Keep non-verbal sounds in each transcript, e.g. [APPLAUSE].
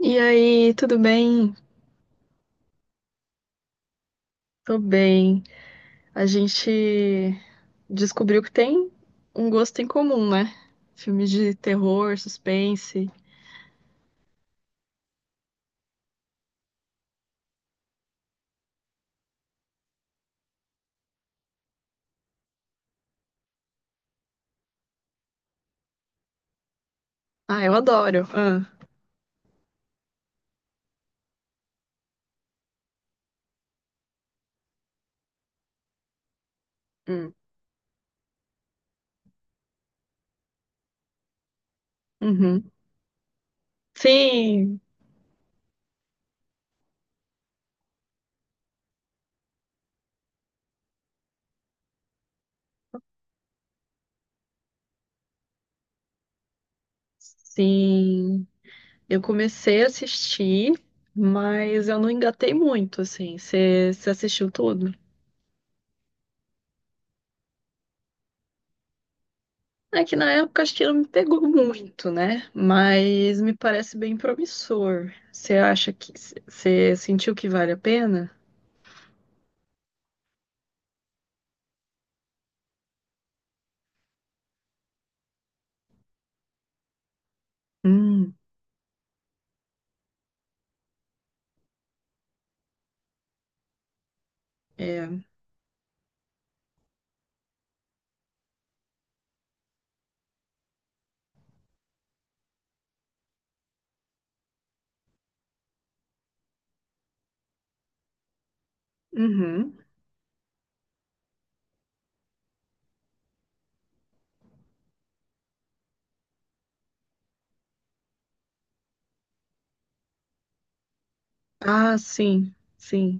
E aí, tudo bem? Tô bem. A gente descobriu que tem um gosto em comum, né? Filmes de terror, suspense. Ah, eu adoro. Ah, hum. Uhum. Sim, sim. Eu comecei a assistir, mas eu não engatei muito, assim. Você assistiu tudo? É que na época acho que não me pegou muito, né? Mas me parece bem promissor. Você acha que você sentiu que vale a pena? Hum, é. Uhum. Ah, sim, sim.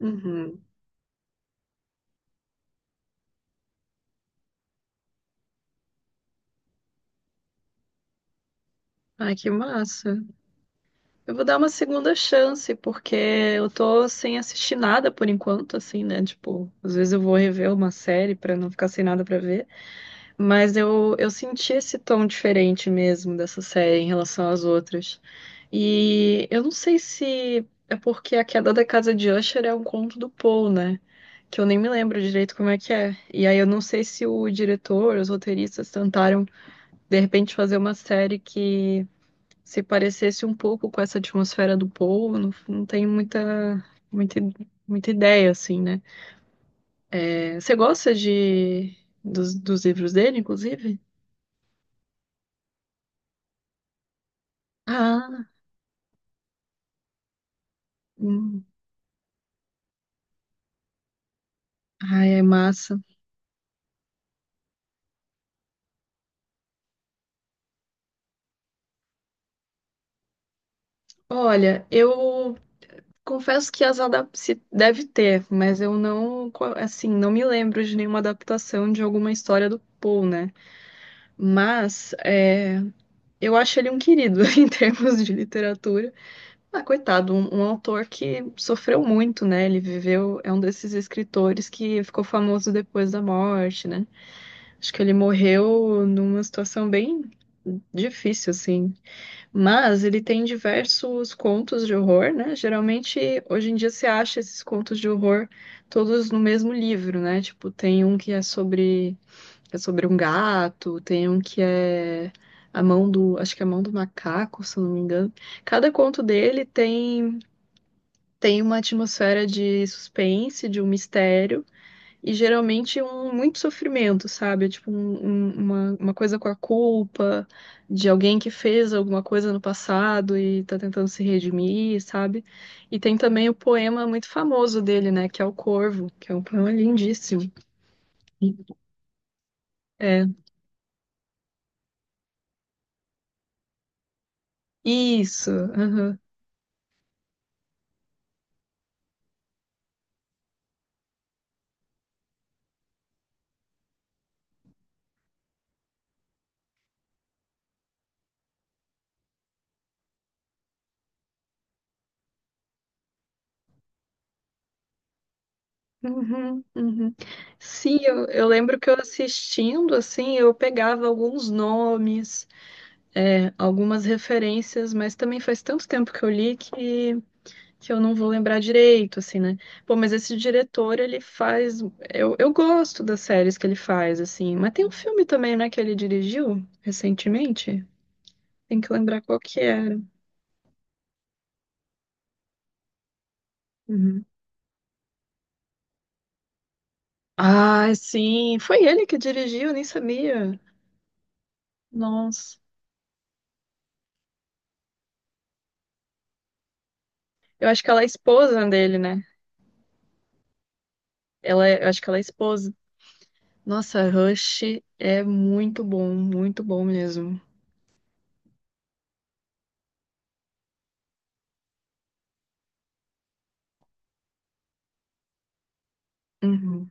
Uhum. Ai, que massa. Eu vou dar uma segunda chance, porque eu tô sem assistir nada por enquanto, assim, né? Tipo, às vezes eu vou rever uma série pra não ficar sem nada pra ver. Mas eu senti esse tom diferente mesmo dessa série em relação às outras. E eu não sei se é porque A Queda da Casa de Usher é um conto do Poe, né? Que eu nem me lembro direito como é que é. E aí eu não sei se o diretor, os roteiristas tentaram, de repente, fazer uma série que se parecesse um pouco com essa atmosfera do Poe. Não, não tenho muita, muita, muita ideia, assim, né? É, você gosta de, dos livros dele, inclusive? Ah, hum. Ai, é massa. Olha, eu confesso que as adap se deve ter, mas eu não, co- assim, não me lembro de nenhuma adaptação de alguma história do Poe, né? Mas é, eu acho ele um querido [LAUGHS] em termos de literatura. Ah, coitado, um autor que sofreu muito, né? Ele viveu, é um desses escritores que ficou famoso depois da morte, né? Acho que ele morreu numa situação bem difícil, assim. Mas ele tem diversos contos de horror, né? Geralmente, hoje em dia, você acha esses contos de horror todos no mesmo livro, né? Tipo, tem um que é sobre um gato, tem um que é a mão do, acho que é a mão do macaco, se eu não me engano. Cada conto dele tem, tem uma atmosfera de suspense, de um mistério. E geralmente é um muito sofrimento, sabe? É tipo, um- um- uma coisa com a culpa de alguém que fez alguma coisa no passado e tá tentando se redimir, sabe? E tem também o poema muito famoso dele, né? Que é O Corvo, que é um poema lindíssimo. É, isso. Aham. Uhum, uhum. Sim, eu lembro que eu assistindo, assim, eu pegava alguns nomes, é, algumas referências, mas também faz tanto tempo que eu li que eu não vou lembrar direito, assim, né? Pô, mas esse diretor, ele faz. Eu gosto das séries que ele faz, assim. Mas tem um filme também, né, que ele dirigiu recentemente. Tem que lembrar qual que era. Uhum. Ah, sim. Foi ele que dirigiu, nem sabia. Nossa. Eu acho que ela é esposa dele, né? Ela é- eu acho que ela é esposa. Nossa, Rush é muito bom mesmo. Uhum.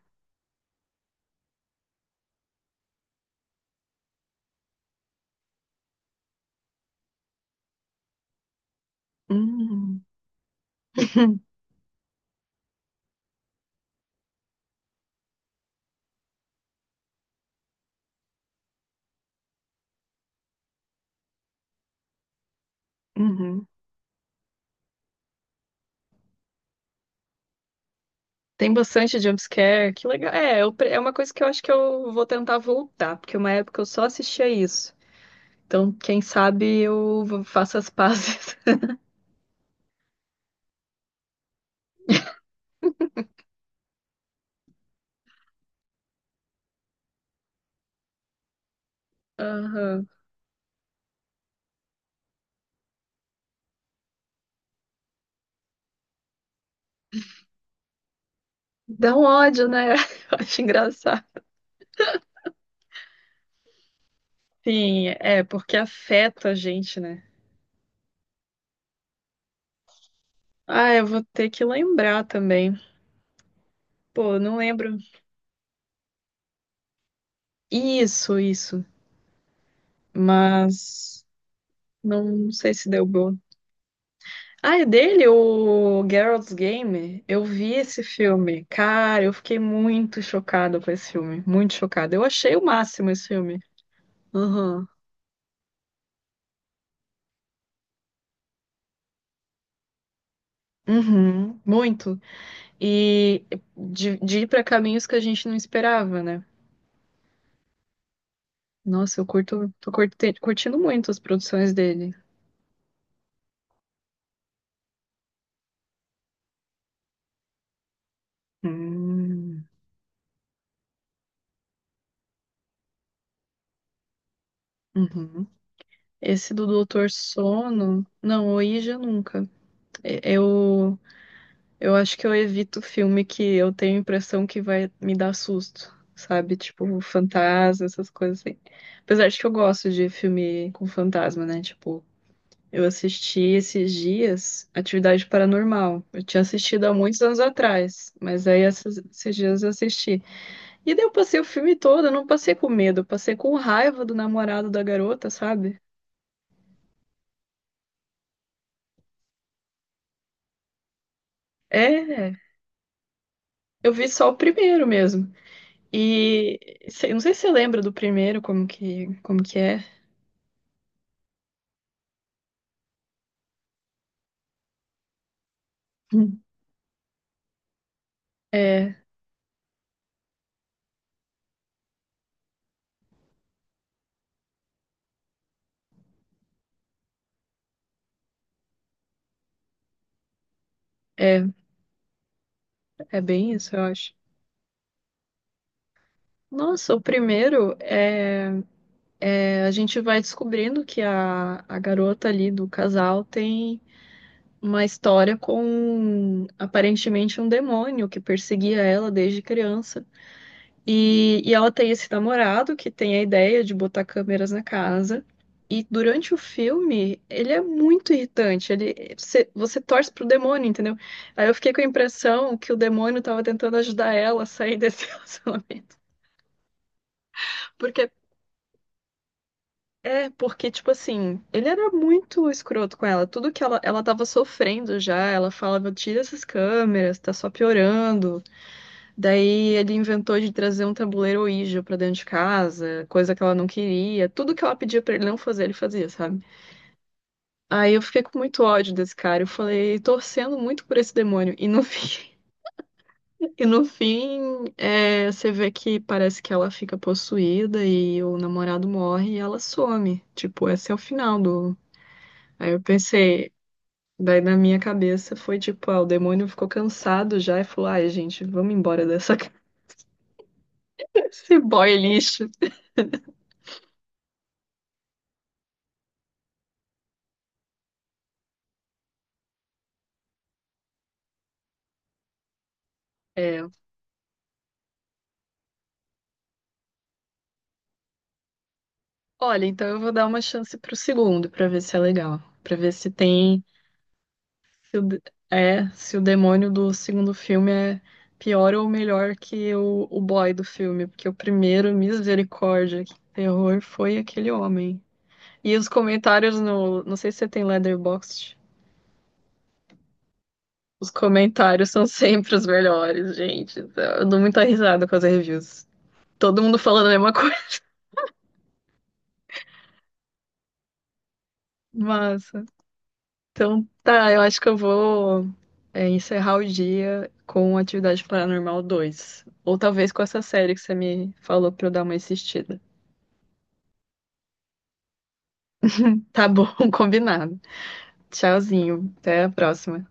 Uhum. Uhum. Tem bastante jumpscare, que legal. É, eu pre- é uma coisa que eu acho que eu vou tentar voltar, porque uma época eu só assistia isso. Então, quem sabe eu vou- faço as pazes. [LAUGHS] Aham. Dá um ódio, né? [LAUGHS] Eu acho engraçado. Sim, é, porque afeta a gente, né? Ah, eu vou ter que lembrar também. Pô, eu não lembro. Isso, isso. Mas não sei se deu bom. Ah, é dele, o Geralt's Game? Eu vi esse filme. Cara, eu fiquei muito chocada com esse filme. Muito chocada. Eu achei o máximo esse filme. Aham. Uhum. Muito. E de ir pra caminhos que a gente não esperava, né? Nossa, eu curto, tô curte- curtindo muito as produções dele. Hum. Uhum. Esse do Doutor Sono. Não, o Ija nunca. É eu acho que eu evito filme que eu tenho a impressão que vai me dar susto, sabe? Tipo, fantasma, essas coisas assim. Apesar de que eu gosto de filme com fantasma, né? Tipo, eu assisti esses dias Atividade Paranormal. Eu tinha assistido há muitos anos atrás, mas aí essas- esses dias eu assisti. E daí eu passei o filme todo, eu não passei com medo, eu passei com raiva do namorado da garota, sabe? É, eu vi só o primeiro mesmo. E sei- não sei se você lembra do primeiro, como que é. É, é, é bem isso, eu acho. Nossa, o primeiro é, é a gente vai descobrindo que a garota ali do casal tem uma história com aparentemente um demônio que perseguia ela desde criança. E ela tem esse namorado que tem a ideia de botar câmeras na casa. E durante o filme, ele é muito irritante. Ele, você, você torce pro demônio, entendeu? Aí eu fiquei com a impressão que o demônio tava tentando ajudar ela a sair desse [LAUGHS] relacionamento. Porque, é, porque, tipo assim, ele era muito escroto com ela. Tudo que ela tava sofrendo já, ela falava, tira essas câmeras, tá só piorando. Daí ele inventou de trazer um tabuleiro Ouija pra dentro de casa, coisa que ela não queria. Tudo que ela pedia pra ele não fazer, ele fazia, sabe? Aí eu fiquei com muito ódio desse cara. Eu falei, torcendo muito por esse demônio. E no [LAUGHS] fim, e no fim, é, você vê que parece que ela fica possuída e o namorado morre e ela some. Tipo, esse é o final do. Aí eu pensei. Daí na minha cabeça foi tipo, ah, o demônio ficou cansado já e falou, ai, gente, vamos embora dessa [LAUGHS] casa, esse boy lixo. É, olha, então eu vou dar uma chance pro segundo pra ver se é legal. Pra ver se tem, se o, de- é, se o demônio do segundo filme é pior ou melhor que o boy do filme, porque o primeiro, misericórdia, que terror foi aquele homem. E os comentários no, não sei se você tem Letterboxd, os comentários são [LAUGHS] sempre os melhores, gente. Eu dou muita risada com as reviews. Todo mundo falando a mesma coisa. [LAUGHS] Massa. Então, tá, eu acho que eu vou é, encerrar o dia com Atividade Paranormal 2, ou talvez com essa série que você me falou pra eu dar uma assistida. Tá bom, [LAUGHS] combinado. Tchauzinho, até a próxima.